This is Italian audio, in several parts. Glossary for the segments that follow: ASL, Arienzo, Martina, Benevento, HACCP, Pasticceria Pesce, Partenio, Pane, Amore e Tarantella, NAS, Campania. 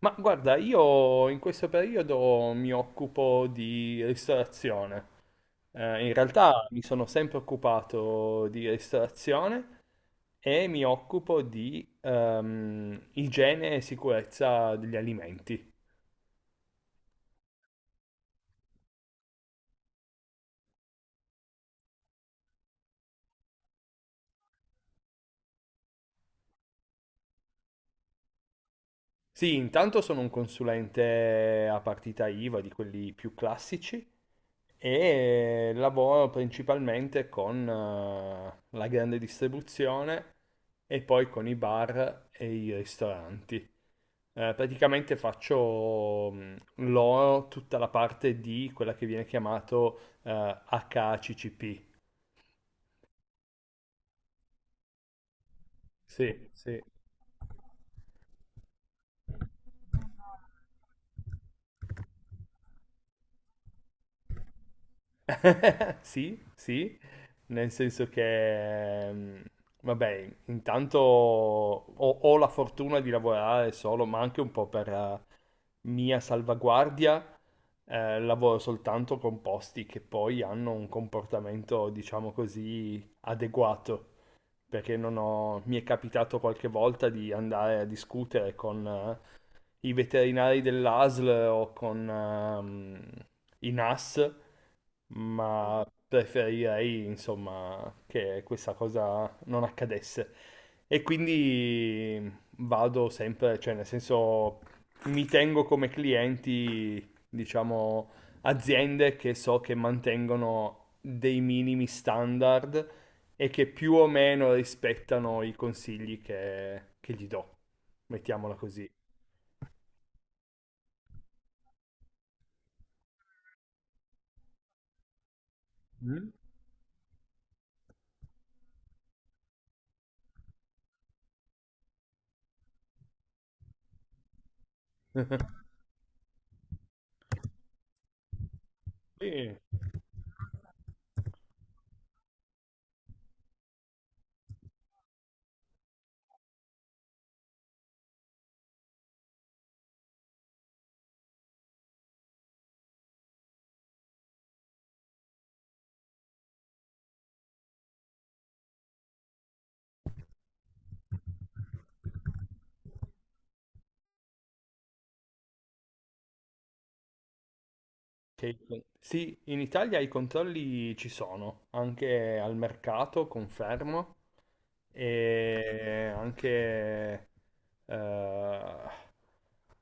Ma guarda, io in questo periodo mi occupo di ristorazione. In realtà mi sono sempre occupato di ristorazione e mi occupo di igiene e sicurezza degli alimenti. Sì, intanto sono un consulente a partita IVA di quelli più classici e lavoro principalmente con la grande distribuzione e poi con i bar e i ristoranti. Praticamente faccio loro tutta la parte di quella che viene chiamato HACCP. Sì, sì. Sì, sì, nel senso che, vabbè, intanto ho la fortuna di lavorare solo, ma anche un po' per mia salvaguardia, lavoro soltanto con posti che poi hanno un comportamento, diciamo così, adeguato. Perché non ho- mi è capitato qualche volta di andare a discutere con i veterinari dell'ASL o con i NAS, ma preferirei, insomma, che questa cosa non accadesse. E quindi vado sempre, cioè nel senso mi tengo come clienti, diciamo, aziende che so che mantengono dei minimi standard e che più o meno rispettano i consigli che gli do, mettiamola così. Mm? Sì. Sì, in Italia i controlli ci sono, anche al mercato, confermo, e anche, eh,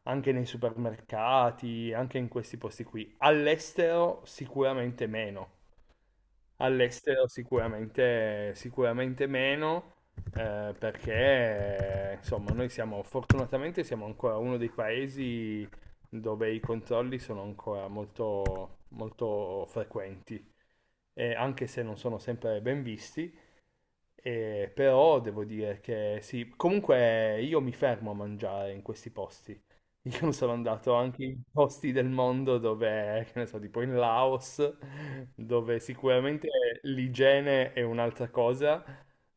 anche nei supermercati, anche in questi posti qui. All'estero sicuramente meno. All'estero sicuramente, sicuramente meno, perché insomma noi siamo fortunatamente siamo ancora uno dei paesi dove i controlli sono ancora molto, molto frequenti, e anche se non sono sempre ben visti, e però devo dire che sì, comunque io mi fermo a mangiare in questi posti. Io sono andato anche in posti del mondo dove, che ne so, tipo in Laos, dove sicuramente l'igiene è un'altra cosa,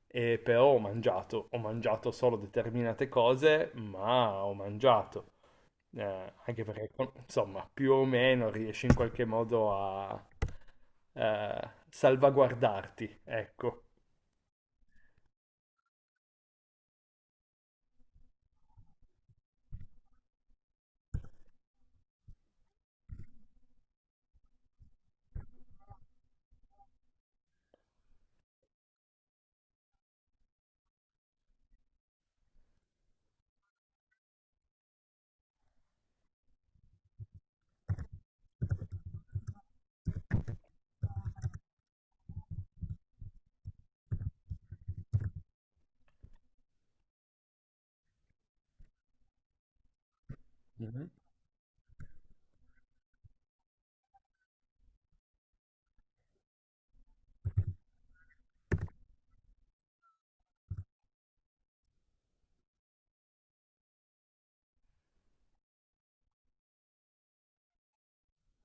e però ho mangiato solo determinate cose, ma ho mangiato. Eh, Anche perché, insomma, più o meno riesci in qualche modo a salvaguardarti, ecco. Mhm.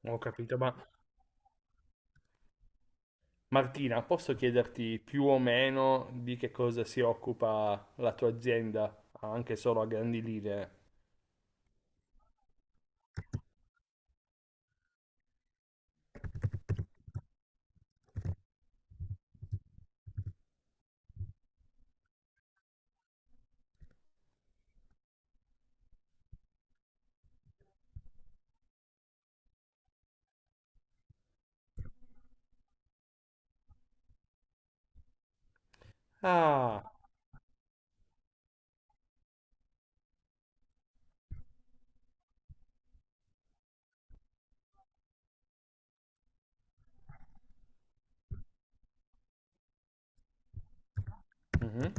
Ho capito, ma Martina, posso chiederti più o meno di che cosa si occupa la tua azienda, anche solo a grandi linee? Ah, mhm.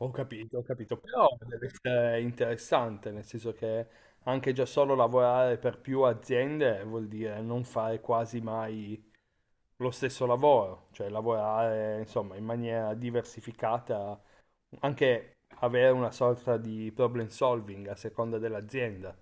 Ho capito, però deve essere interessante, nel senso che anche già solo lavorare per più aziende vuol dire non fare quasi mai lo stesso lavoro, cioè lavorare, insomma, in maniera diversificata, anche avere una sorta di problem solving a seconda dell'azienda.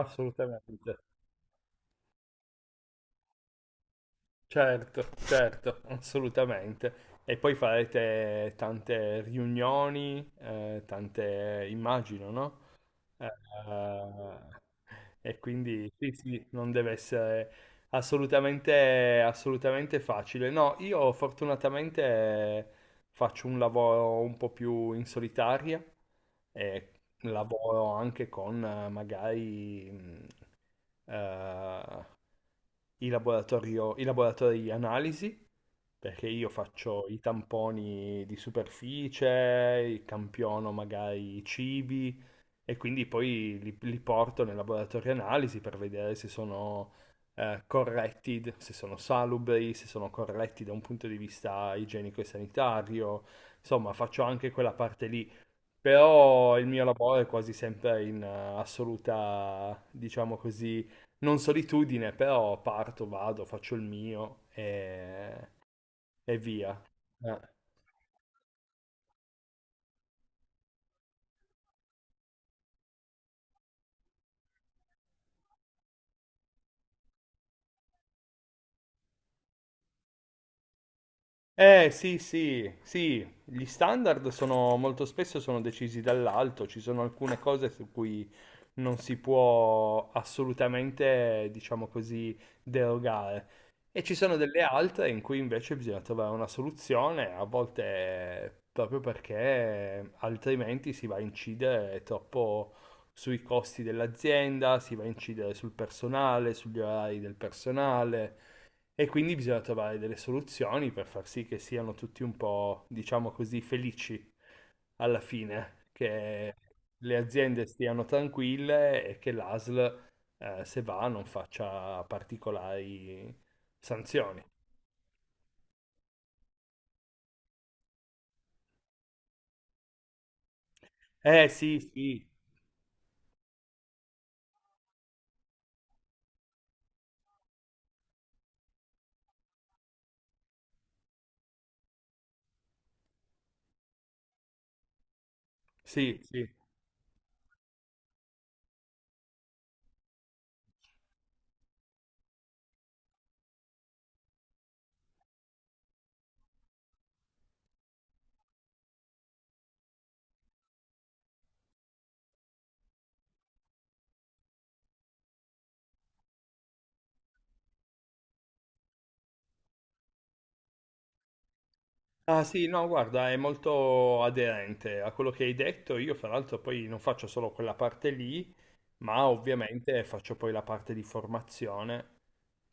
Assolutamente, certo, certo, assolutamente. E poi farete tante riunioni, tante, immagino, no? Eh, e quindi sì, sì, non deve essere assolutamente, assolutamente facile. No, io fortunatamente faccio un lavoro un po' più in solitaria e lavoro anche con magari eh, i laboratori di analisi, perché io faccio i tamponi di superficie, campiono magari i cibi, e quindi poi li porto nel laboratorio analisi per vedere se sono corretti, se sono salubri, se sono corretti da un punto di vista igienico e sanitario. Insomma, faccio anche quella parte lì, però il mio lavoro è quasi sempre in assoluta, diciamo così, non solitudine, però parto, vado, faccio il mio e via. Eh. Eh sì, sì, sì, gli standard sono molto spesso sono decisi dall'alto, ci sono alcune cose su cui non si può assolutamente, diciamo così, derogare. E ci sono delle altre in cui invece bisogna trovare una soluzione, a volte proprio perché altrimenti si va a incidere troppo sui costi dell'azienda, si va a incidere sul personale, sugli orari del personale. E quindi bisogna trovare delle soluzioni per far sì che siano tutti un po', diciamo così, felici alla fine, che le aziende stiano tranquille e che l'ASL, se va, non faccia particolari sanzioni. Eh sì, sì, sì, sì. Ah sì, no, guarda, è molto aderente a quello che hai detto. Io, fra l'altro, poi non faccio solo quella parte lì, ma ovviamente faccio poi la parte di formazione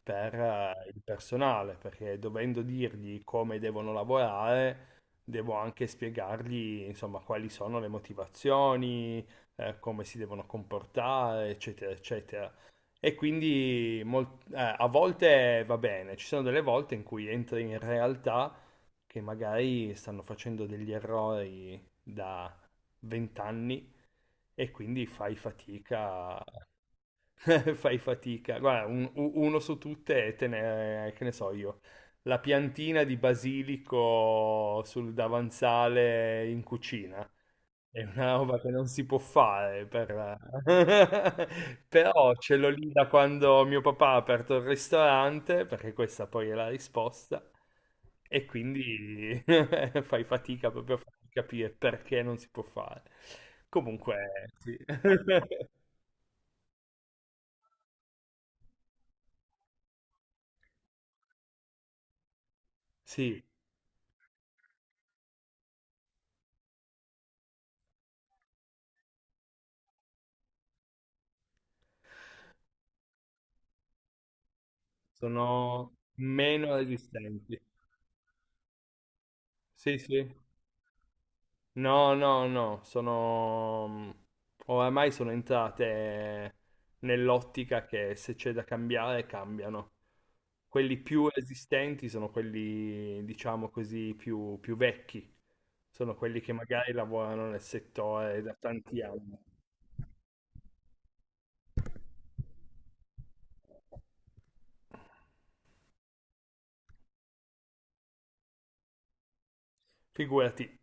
per il personale, perché dovendo dirgli come devono lavorare, devo anche spiegargli, insomma, quali sono le motivazioni, come si devono comportare, eccetera, eccetera. E quindi a volte va bene, ci sono delle volte in cui entri in realtà che magari stanno facendo degli errori da 20 anni e quindi fai fatica fai fatica. Guarda, uno su tutte è tenere, che ne so io, la piantina di basilico sul davanzale in cucina. È una roba che non si può fare. però ce l'ho lì da quando mio papà ha aperto il ristorante, perché questa poi è la risposta, e quindi fai fatica proprio a farti capire perché non si può fare. Comunque, sì. Sì, sono meno resistenti. Sì, sì. No, no, no, oramai sono entrate nell'ottica che se c'è da cambiare, cambiano. Quelli più resistenti sono quelli, diciamo così, più vecchi. Sono quelli che magari lavorano nel settore da tanti anni. Figurati,